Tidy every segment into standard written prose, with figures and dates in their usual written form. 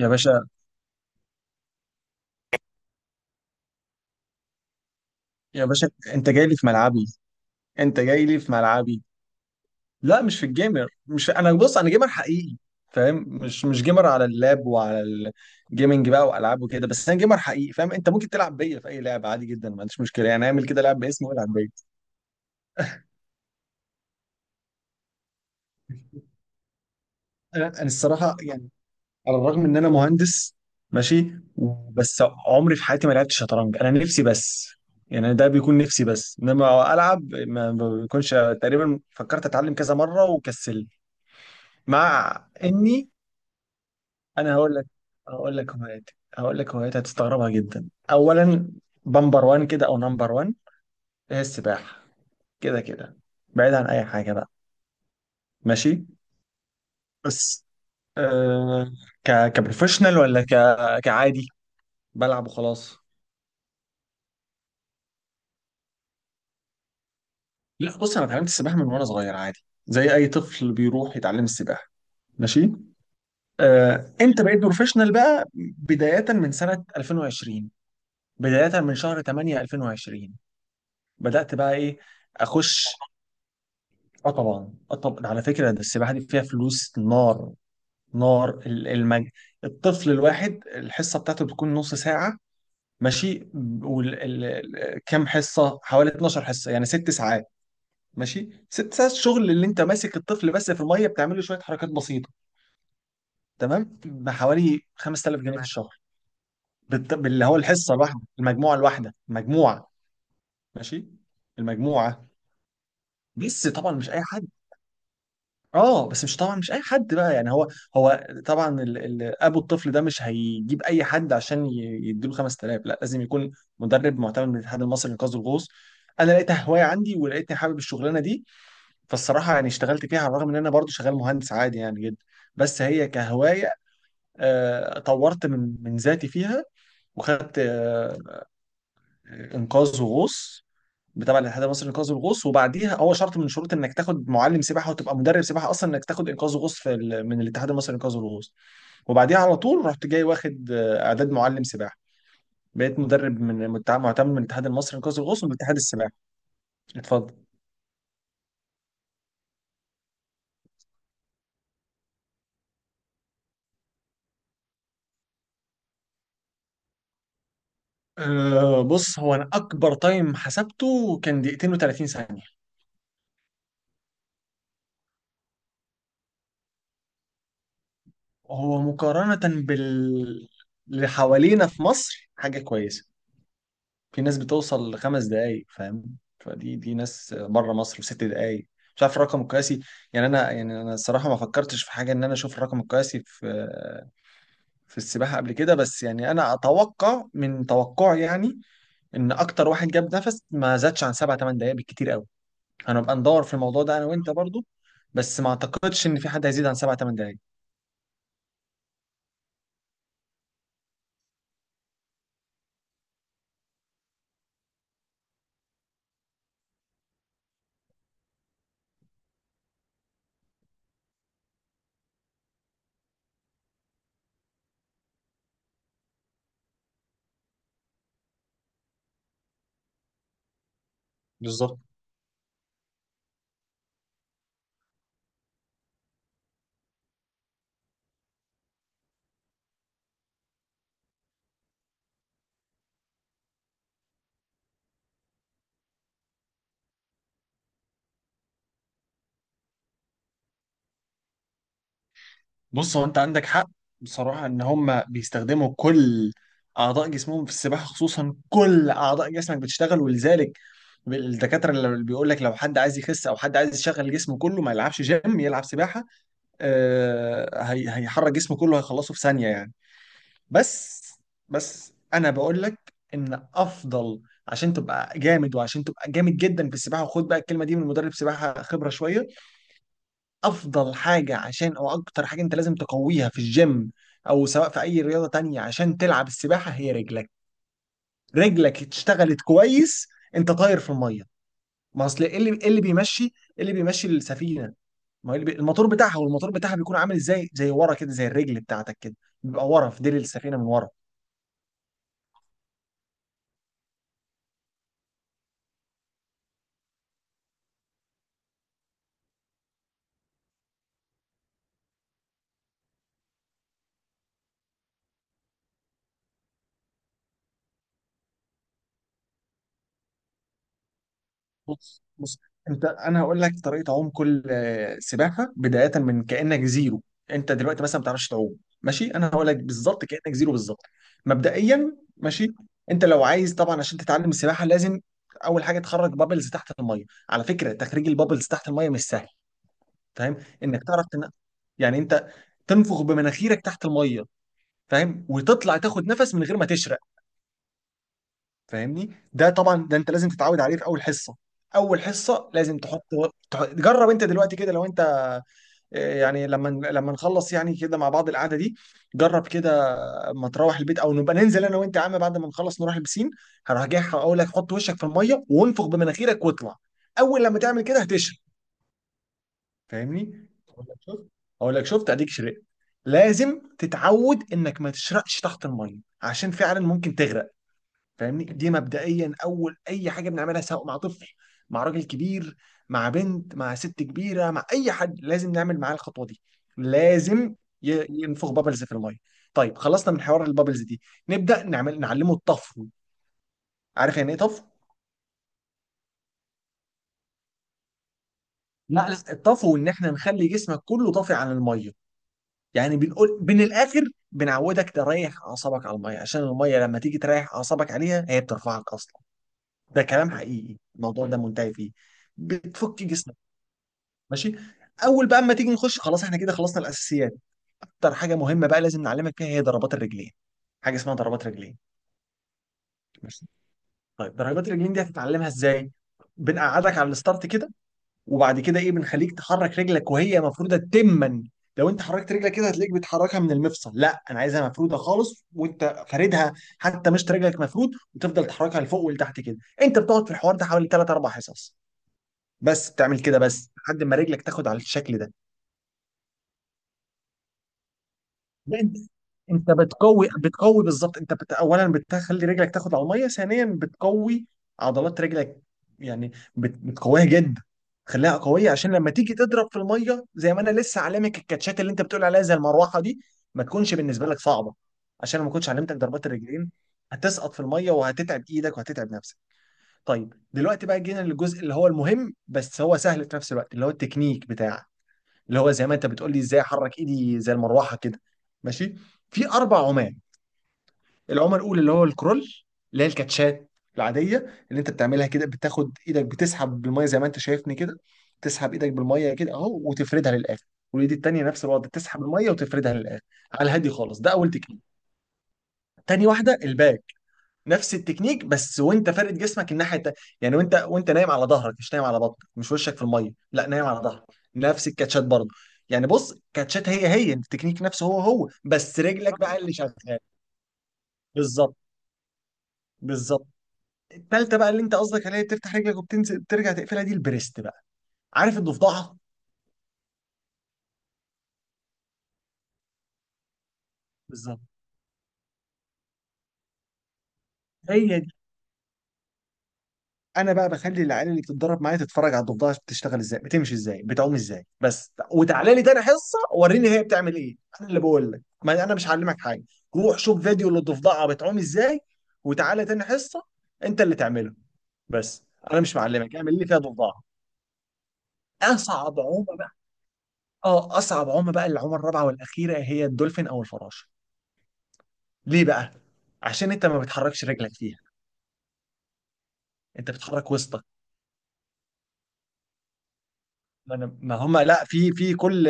يا باشا يا باشا، انت جاي لي في ملعبي انت جاي لي في ملعبي لا، مش في الجيمر، مش في... انا بص، انا جيمر حقيقي. فاهم؟ مش جيمر على اللاب وعلى الجيمنج بقى والعاب وكده، بس انا جيمر حقيقي. فاهم؟ انت ممكن تلعب بيا في اي لعبه عادي جدا، ما عنديش مشكله، يعني اعمل كده لعب باسمي والعب بيا. انا الصراحه يعني، على الرغم ان انا مهندس، ماشي، بس عمري في حياتي ما لعبت شطرنج. انا نفسي بس، يعني ده بيكون نفسي بس انما العب ما بيكونش تقريبا. فكرت اتعلم كذا مره وكسلت، مع اني انا هقول لك هواياتي هتستغربها جدا. اولا، بمبر وان كده او نمبر وان، هي السباحه. كده كده، بعيد عن اي حاجه بقى. ماشي، بس آه، كبروفيشنال ولا كعادي؟ بلعب وخلاص. لا بص، انا اتعلمت السباحه من وانا صغير عادي، زي اي طفل بيروح يتعلم السباحه. ماشي. انت بقيت بروفيشنال بقى بداية من سنة 2020، بداية من شهر 8 2020. بدأت بقى ايه؟ اخش. اه طبعا، اه طبعا. على فكرة، ده السباحة دي فيها فلوس نار. نار. الطفل الواحد، الحصة بتاعته بتكون نص ساعة. ماشي. وال... ال... كام حصة؟ حوالي 12 حصة، يعني ست ساعات. ماشي، ست ساعات شغل اللي انت ماسك الطفل بس في المية، بتعمله شوية حركات بسيطة، تمام، بحوالي 5000 جنيه في الشهر. باللي هو الحصة الواحدة، المجموعة الواحدة، مجموعة. ماشي، المجموعة. بس طبعا مش اي حد. اه، بس مش طبعا مش اي حد بقى. يعني هو، هو طبعا ال ابو الطفل ده مش هيجيب اي حد عشان يديله 5000. لا، لازم يكون مدرب معتمد من الاتحاد المصري لانقاذ الغوص. انا لقيتها هوايه عندي، ولقيتني حابب الشغلانه دي، فالصراحه يعني اشتغلت فيها، على الرغم ان انا برضو شغال مهندس عادي يعني جدا، بس هي كهوايه. طورت من ذاتي فيها، وخدت انقاذ وغوص تبع الاتحاد المصري لانقاذ الغوص. وبعديها، هو شرط من شروط انك تاخد معلم سباحه، وتبقى مدرب سباحه اصلا انك تاخد انقاذ غوص من الاتحاد المصري لانقاذ الغوص. وبعديها على طول، رحت جاي واخد اعداد معلم سباحه، بقيت مدرب معتمد من الاتحاد المصري لانقاذ الغوص ومن اتحاد السباحه. اتفضل. أه، بص، هو انا اكبر تايم حسبته كان دقيقتين و30 ثانيه. هو مقارنه اللي حوالينا في مصر، حاجه كويسه. في ناس بتوصل لخمس دقايق. فاهم؟ فدي ناس بره مصر، وست دقايق. مش عارف الرقم القياسي. يعني انا الصراحه ما فكرتش في حاجه ان انا اشوف الرقم القياسي في السباحه قبل كده. بس يعني انا اتوقع من توقعي يعني، ان اكتر واحد جاب نفس ما زادش عن سبع ثمان دقائق بالكتير قوي. هنبقى ندور في الموضوع ده انا وانت برضو، بس ما اعتقدش ان في حد هيزيد عن سبع ثمان دقائق. بالظبط. بص، هو انت عندك حق. بصراحة، ان هم بيستخدموا كل اعضاء جسمهم في السباحة. خصوصا كل اعضاء جسمك بتشتغل، ولذلك الدكاترة اللي بيقول لك لو حد عايز يخس او حد عايز يشغل جسمه كله، ما يلعبش جيم يلعب سباحة. آه، هي هيحرك جسمه كله، هيخلصه في ثانية يعني. بس بس انا بقول لك ان افضل، عشان تبقى جامد وعشان تبقى جامد جدا في السباحة، وخد بقى الكلمة دي من مدرب سباحة خبرة شوية، افضل حاجه عشان، او اكتر حاجه انت لازم تقويها في الجيم او سواء في اي رياضه تانية عشان تلعب السباحه، هي رجلك. رجلك اشتغلت كويس، انت طاير في الميه. ما اصل ايه اللي، إيه اللي بيمشي السفينه؟ ما هو اللي الموتور بتاعها. والموتور بتاعها بيكون عامل ازاي؟ زي ورا كده، زي الرجل بتاعتك كده، بيبقى ورا في ديل السفينه من ورا. بص، انت انا هقول لك طريقه عوم كل سباحه بدايه من كانك زيرو. انت دلوقتي مثلا ما بتعرفش تعوم. ماشي، انا هقول لك بالظبط كانك زيرو بالظبط. مبدئيا، ماشي. انت لو عايز طبعا عشان تتعلم السباحه، لازم اول حاجه تخرج بابلز تحت الميه. على فكره، تخريج البابلز تحت الميه مش سهل. فاهم؟ انك تعرف يعني انت تنفخ بمناخيرك تحت الميه، فاهم؟ وتطلع تاخد نفس من غير ما تشرق. فاهمني؟ ده طبعا ده انت لازم تتعود عليه في اول حصه. اول حصه لازم تحط، جرب انت دلوقتي كده. لو انت يعني لما نخلص يعني كده مع بعض القعده دي، جرب كده. ما تروح البيت، او نبقى ننزل انا وانت يا عم بعد ما نخلص نروح البسين، هروح جاي اقول لك حط وشك في الميه وانفخ بمناخيرك واطلع. اول لما تعمل كده هتشرب. فاهمني؟ اقول لك شفت؟ اقول لك شفت اديك شربت. لازم تتعود انك ما تشرقش تحت الميه، عشان فعلا ممكن تغرق. فاهمني؟ دي مبدئيا اول اي حاجه بنعملها، سواء مع طفل، مع راجل كبير، مع بنت، مع ست كبيره، مع اي حد، لازم نعمل معاه الخطوه دي. لازم ينفخ بابلز في الميه. طيب، خلصنا من حوار البابلز دي، نبدا نعمل، نعلمه الطفو. عارف يعني ايه طفو؟ لا لا، الطفو ان احنا نخلي جسمك كله طافي عن الميه. يعني بنقول من الاخر، بنعودك تريح اعصابك على الميه، عشان الميه لما تيجي تريح اعصابك عليها هي بترفعك اصلا. ده كلام حقيقي، الموضوع ده منتهي فيه. بتفك جسمك. ماشي، اول بقى اما تيجي نخش، خلاص احنا كده خلصنا الاساسيات. اكتر حاجه مهمه بقى لازم نعلمك فيها هي ضربات الرجلين. حاجه اسمها ضربات رجلين. ماشي. طيب، ضربات الرجلين دي هتتعلمها ازاي؟ بنقعدك على الستارت كده، وبعد كده ايه؟ بنخليك تحرك رجلك وهي مفروده تما. لو انت حركت رجلك كده هتلاقيك بتحركها من المفصل، لا انا عايزها مفروده خالص، وانت فاردها حتى، مش رجلك مفرود، وتفضل تحركها لفوق ولتحت كده. انت بتقعد في الحوار ده حوالي 3 4 حصص. بس بتعمل كده بس لحد ما رجلك تاخد على الشكل ده. لا، انت بتقوي بالظبط. اولا بتخلي رجلك تاخد على الميه، ثانيا بتقوي عضلات رجلك. يعني بتقويها جدا. خليها قويه عشان لما تيجي تضرب في الميه، زي ما انا لسه علمك الكاتشات، اللي انت بتقول عليها زي المروحه دي، ما تكونش بالنسبه لك صعبه، عشان لما كنتش علمتك ضربات الرجلين هتسقط في الميه، وهتتعب ايدك وهتتعب نفسك. طيب، دلوقتي بقى جينا للجزء اللي هو المهم بس هو سهل في نفس الوقت، اللي هو التكنيك بتاعك، اللي هو زي ما انت بتقول لي ازاي احرك ايدي زي المروحه كده. ماشي. في اربع عمال. العمى الاولى اللي هو الكرول، اللي هي الكاتشات العاديه، اللي انت بتعملها كده، بتاخد ايدك بتسحب بالميه زي ما انت شايفني كده، تسحب ايدك بالميه كده اهو وتفردها للاخر، والايد التانيه نفس الوضع، تسحب الميه وتفردها للاخر. على الهادي خالص، ده اول تكنيك. تاني واحده، الباك، نفس التكنيك بس وانت فارد جسمك الناحيه التانيه، يعني وانت نايم على ظهرك، مش نايم على بطنك، مش وشك في الميه، لا نايم على ظهرك. نفس الكاتشات برضه. يعني بص، كاتشات هي هي، التكنيك نفسه هو هو، بس رجلك بقى اللي شغاله. بالظبط. بالظبط. التالتة بقى اللي انت قصدك عليها بتفتح رجلك وبتنزل بترجع تقفلها، دي البريست بقى. عارف الضفدعه؟ بالظبط. هي، انا بقى بخلي العيال اللي بتتدرب معايا تتفرج على الضفدعه بتشتغل ازاي، بتمشي ازاي، بتعوم ازاي بس، وتعالى لي تاني حصه وريني هي بتعمل ايه. انا اللي بقول لك، ما انا مش هعلمك حاجه. روح شوف فيديو للضفدعه بتعوم ازاي، وتعالى تاني حصه انت اللي تعمله بس. انا مش معلمك اعمل لي فيها ضفدعه. اصعب عومه بقى، اه اصعب عومه بقى العومه الرابعه والاخيره هي الدولفين او الفراشه. ليه بقى؟ عشان انت ما بتحركش رجلك فيها، انت بتحرك وسطك. ما انا ما هم، لا، في كل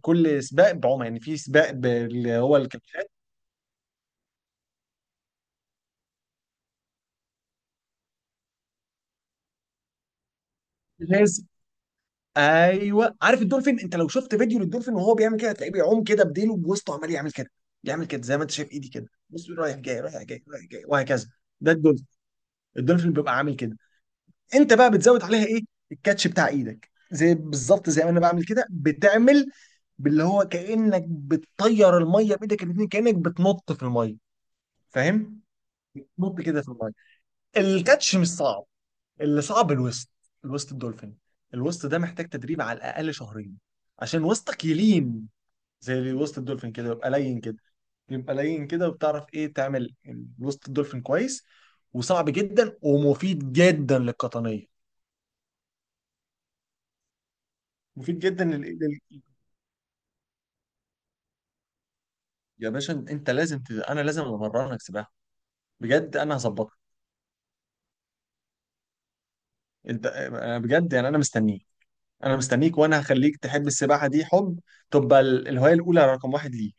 سباق بعمى، يعني في سباق اللي هو الكابتن. لازم. ايوه، عارف الدولفين؟ انت لو شفت فيديو للدولفين وهو بيعمل كده، هتلاقيه بيعوم كده بديله بوسطه عمال يعمل كده، يعمل كده، زي ما انت شايف ايدي كده، بص رايح جاي رايح جاي رايح جاي وهكذا. ده الدولفين. الدولفين بيبقى عامل كده، انت بقى بتزود عليها ايه؟ الكاتش بتاع ايدك، زي بالظبط زي ما انا بعمل كده بتعمل، باللي هو كانك بتطير الميه بايدك الاثنين، كانك بتنط في الميه. فاهم؟ بتنط كده في الميه. الكاتش مش صعب، اللي صعب الوسط. الوسط الدولفين، الوسط ده محتاج تدريب على الاقل شهرين عشان وسطك يلين زي وسط الدولفين كده، يبقى لين كده، يبقى لين كده وبتعرف ايه تعمل. الوسط الدولفين كويس، وصعب جدا ومفيد جدا للقطنيه. مفيد جدا يا باشا، انا لازم امرنك سباحه، بجد، انا هظبطك. أنا بجد يعني، انا مستنيك. انا مستنيك، وانا هخليك تحب السباحه دي حب، تبقى الهوايه الاولى رقم واحد ليك.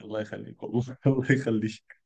الله يخليك والله الله يخليك.